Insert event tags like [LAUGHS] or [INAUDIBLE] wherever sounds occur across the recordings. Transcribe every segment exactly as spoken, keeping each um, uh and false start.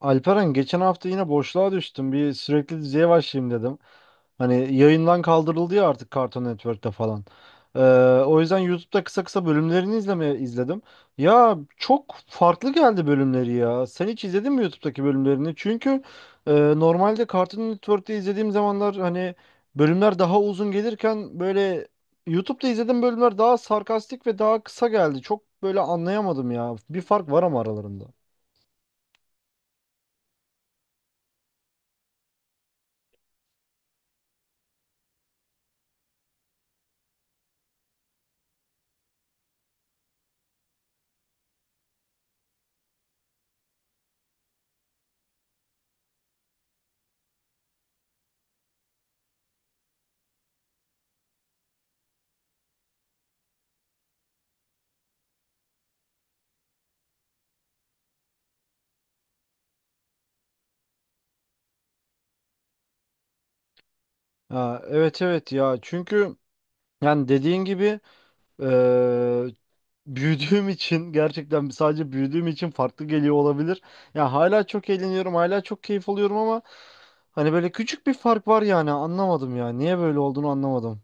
Alperen, geçen hafta yine boşluğa düştüm. Bir Sürekli Dizi'ye başlayayım dedim. Hani yayından kaldırıldı ya artık Cartoon Network'te falan. Ee, O yüzden YouTube'da kısa kısa bölümlerini izlemeye izledim. Ya çok farklı geldi bölümleri ya. Sen hiç izledin mi YouTube'daki bölümlerini? Çünkü e, normalde Cartoon Network'te izlediğim zamanlar hani bölümler daha uzun gelirken böyle YouTube'da izlediğim bölümler daha sarkastik ve daha kısa geldi. Çok böyle anlayamadım ya. Bir fark var ama aralarında. Ha, evet evet, ya çünkü yani dediğin gibi eee, [LAUGHS] büyüdüğüm için, gerçekten sadece büyüdüğüm için farklı geliyor olabilir. Ya hala çok eğleniyorum, hala çok keyif alıyorum ama hani böyle küçük bir fark var. Yani anlamadım ya, niye böyle olduğunu anlamadım.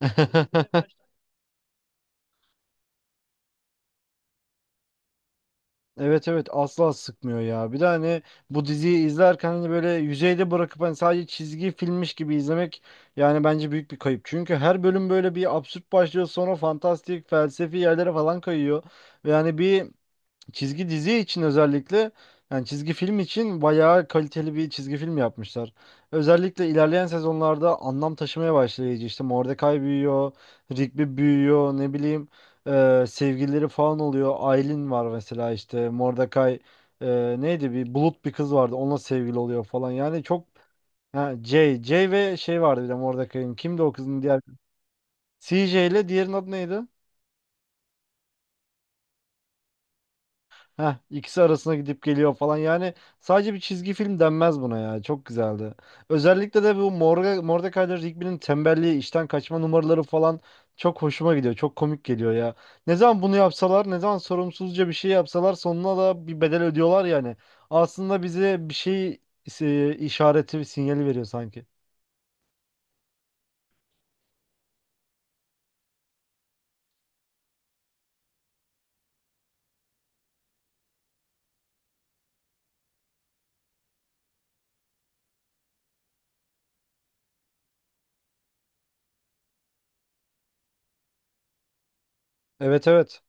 [LAUGHS] Evet evet, asla sıkmıyor ya. Bir de hani bu diziyi izlerken hani böyle yüzeyde bırakıp hani sadece çizgi filmmiş gibi izlemek yani bence büyük bir kayıp. Çünkü her bölüm böyle bir absürt başlıyor, sonra fantastik felsefi yerlere falan kayıyor. Ve yani bir çizgi dizi için, özellikle yani çizgi film için bayağı kaliteli bir çizgi film yapmışlar. Özellikle ilerleyen sezonlarda anlam taşımaya başlayıcı, işte Mordecai büyüyor, Rigby büyüyor, ne bileyim e, sevgilileri falan oluyor. Aylin var mesela, işte Mordecai e, neydi, bir bulut bir kız vardı, onunla sevgili oluyor falan. Yani çok, ha, Jay, Jay ve şey vardı bir de Mordecai'nin, kimdi o kızın, diğer C J ile diğerinin adı neydi? Heh, ikisi arasına gidip geliyor falan. Yani sadece bir çizgi film denmez buna ya. Çok güzeldi. Özellikle de bu Morga, Mordecai ile Rigby'nin tembelliği, işten kaçma numaraları falan çok hoşuma gidiyor. Çok komik geliyor ya. Ne zaman bunu yapsalar, ne zaman sorumsuzca bir şey yapsalar sonuna da bir bedel ödüyorlar yani. Aslında bize bir şey e, işareti, bir sinyali veriyor sanki. Evet evet.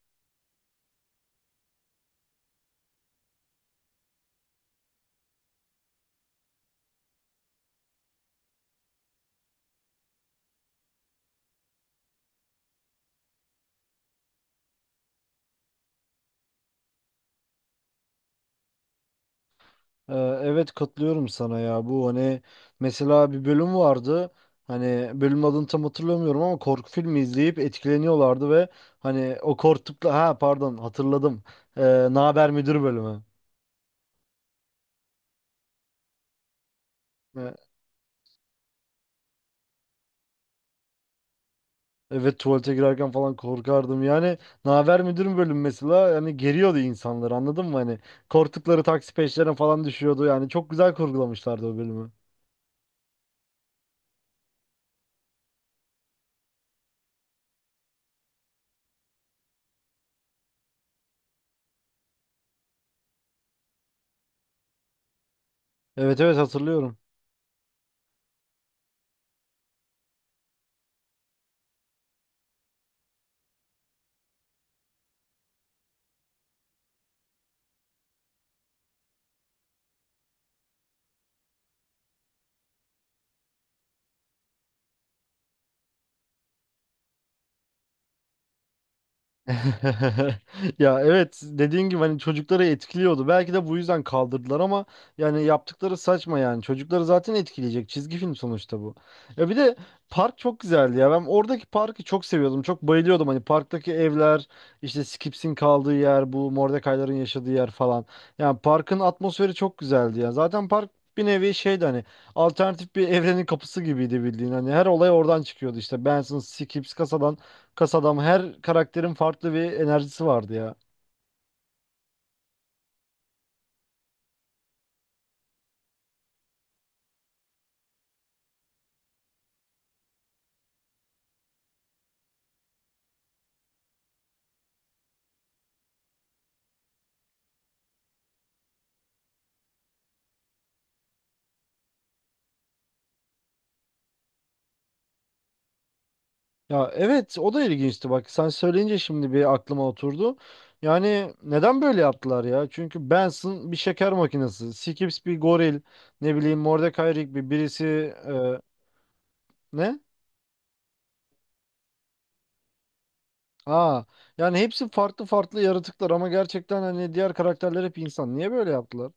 Ee, Evet, katılıyorum sana ya. Bu hani, mesela bir bölüm vardı. Hani bölüm adını tam hatırlamıyorum ama korku filmi izleyip etkileniyorlardı ve hani o korktukla, ha pardon hatırladım. Ee, Naber Müdür bölümü. Ee, Evet, tuvalete girerken falan korkardım. Yani Naber Müdür bölümü mesela, hani geriyordu insanları, anladın mı? Hani korktukları taksi peşlerine falan düşüyordu. Yani çok güzel kurgulamışlardı o bölümü. Evet evet, hatırlıyorum. [LAUGHS] Ya evet, dediğin gibi hani çocukları etkiliyordu. Belki de bu yüzden kaldırdılar ama yani yaptıkları saçma yani. Çocukları zaten etkileyecek. Çizgi film sonuçta bu. Ya bir de park çok güzeldi ya. Ben oradaki parkı çok seviyordum. Çok bayılıyordum. Hani parktaki evler, işte Skips'in kaldığı yer, bu Mordecai'ların yaşadığı yer falan. Yani parkın atmosferi çok güzeldi ya. Zaten park bir nevi şeydi, hani alternatif bir evrenin kapısı gibiydi bildiğin. Hani her olay oradan çıkıyordu işte. Benson, Skips, kasadan Kasadam, her karakterin farklı bir enerjisi vardı ya. Ya evet, o da ilginçti bak, sen söyleyince şimdi bir aklıma oturdu. Yani neden böyle yaptılar ya? Çünkü Benson bir şeker makinesi. Skips bir goril. Ne bileyim Mordecai, Rigby bir birisi, e, ne? Aa, yani hepsi farklı farklı yaratıklar ama gerçekten hani diğer karakterler hep insan. Niye böyle yaptılar?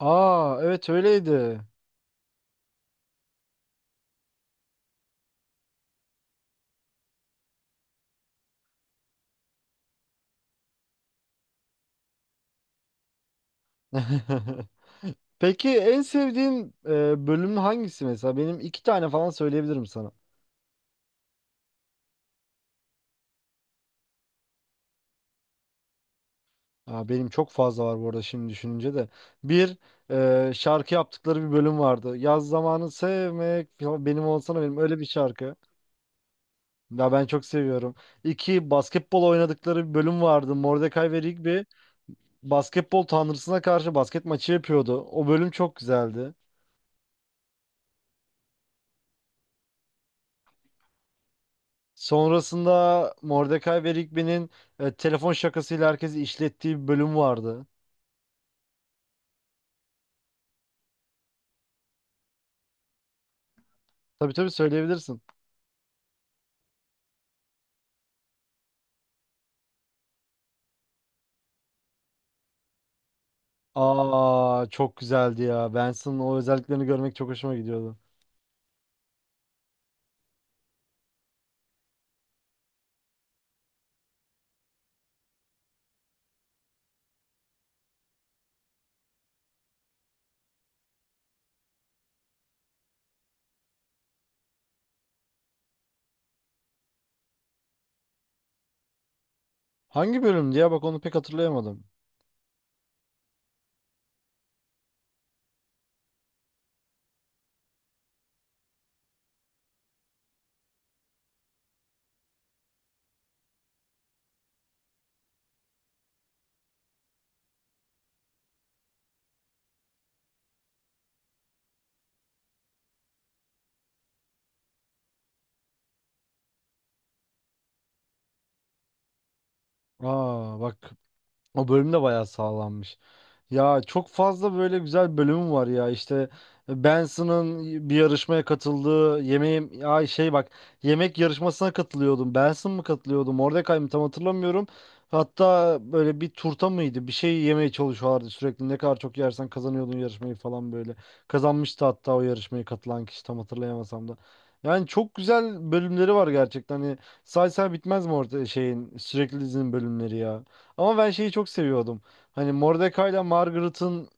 Aa evet, öyleydi. [LAUGHS] Peki, en sevdiğin e, bölüm hangisi mesela? Benim iki tane falan söyleyebilirim sana. Aa, benim çok fazla var bu arada şimdi düşününce de. Bir, e, şarkı yaptıkları bir bölüm vardı. Yaz zamanı sevmek ya benim olsana benim, öyle bir şarkı. Ya ben çok seviyorum. İki, basketbol oynadıkları bir bölüm vardı. Mordecai ve Rigby basketbol tanrısına karşı basket maçı yapıyordu. O bölüm çok güzeldi. Sonrasında Mordecai ve Rigby'nin e, telefon şakasıyla herkesi işlettiği bir bölüm vardı. Tabii tabii, söyleyebilirsin. Aa, çok güzeldi ya. Benson o özelliklerini görmek çok hoşuma gidiyordu. Hangi bölümdü ya? Bak, onu pek hatırlayamadım. Aa bak, o bölümde bayağı sağlanmış. Ya çok fazla böyle güzel bölümü var ya, işte Benson'ın bir yarışmaya katıldığı, yemeğim ay şey bak, yemek yarışmasına katılıyordum, Benson mı katılıyordum Mordecai mi tam hatırlamıyorum, hatta böyle bir turta mıydı bir şey yemeye çalışıyorlardı, sürekli ne kadar çok yersen kazanıyordun yarışmayı falan böyle kazanmıştı. Hatta o yarışmaya katılan kişi tam hatırlayamasam da yani çok güzel bölümleri var gerçekten. Hani say say bitmez mi orada şeyin, Sürekli Dizi'nin bölümleri ya. Ama ben şeyi çok seviyordum. Hani Mordecai'la Margaret'ın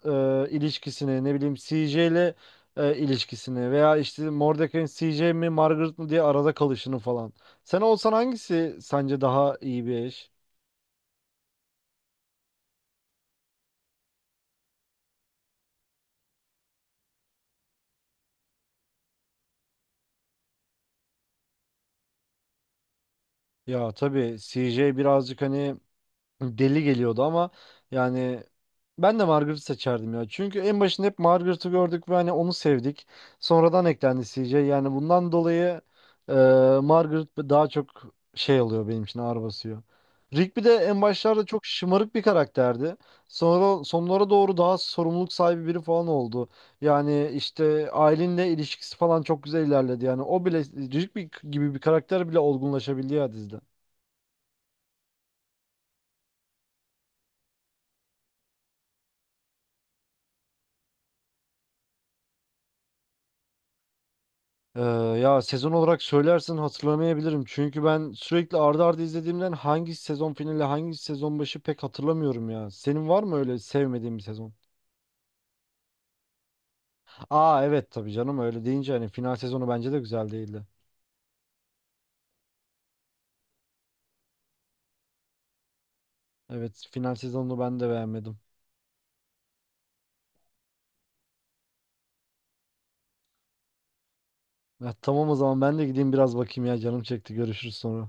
e, ilişkisini, ne bileyim C J ile e, ilişkisini veya işte Mordecai'nin C J mi Margaret mı diye arada kalışını falan. Sen olsan hangisi sence daha iyi bir eş? Ya tabii C J birazcık hani deli geliyordu ama yani ben de Margaret'ı seçerdim ya. Çünkü en başında hep Margaret'ı gördük ve hani onu sevdik. Sonradan eklendi C J. Yani bundan dolayı e, Margaret daha çok şey oluyor, benim için ağır basıyor. Rigby de en başlarda çok şımarık bir karakterdi. Sonra sonlara doğru daha sorumluluk sahibi biri falan oldu. Yani işte ailenle ilişkisi falan çok güzel ilerledi. Yani o bile, Rigby gibi bir karakter bile olgunlaşabildi ya dizide. Ee, Ya sezon olarak söylersen hatırlamayabilirim. Çünkü ben sürekli arda ardı izlediğimden hangi sezon finali, hangi sezon başı pek hatırlamıyorum ya. Senin var mı öyle sevmediğin bir sezon? Aa evet, tabii canım, öyle deyince hani final sezonu bence de güzel değildi. Evet, final sezonunu ben de beğenmedim. Ya, tamam o zaman ben de gideyim biraz bakayım, ya canım çekti. Görüşürüz sonra.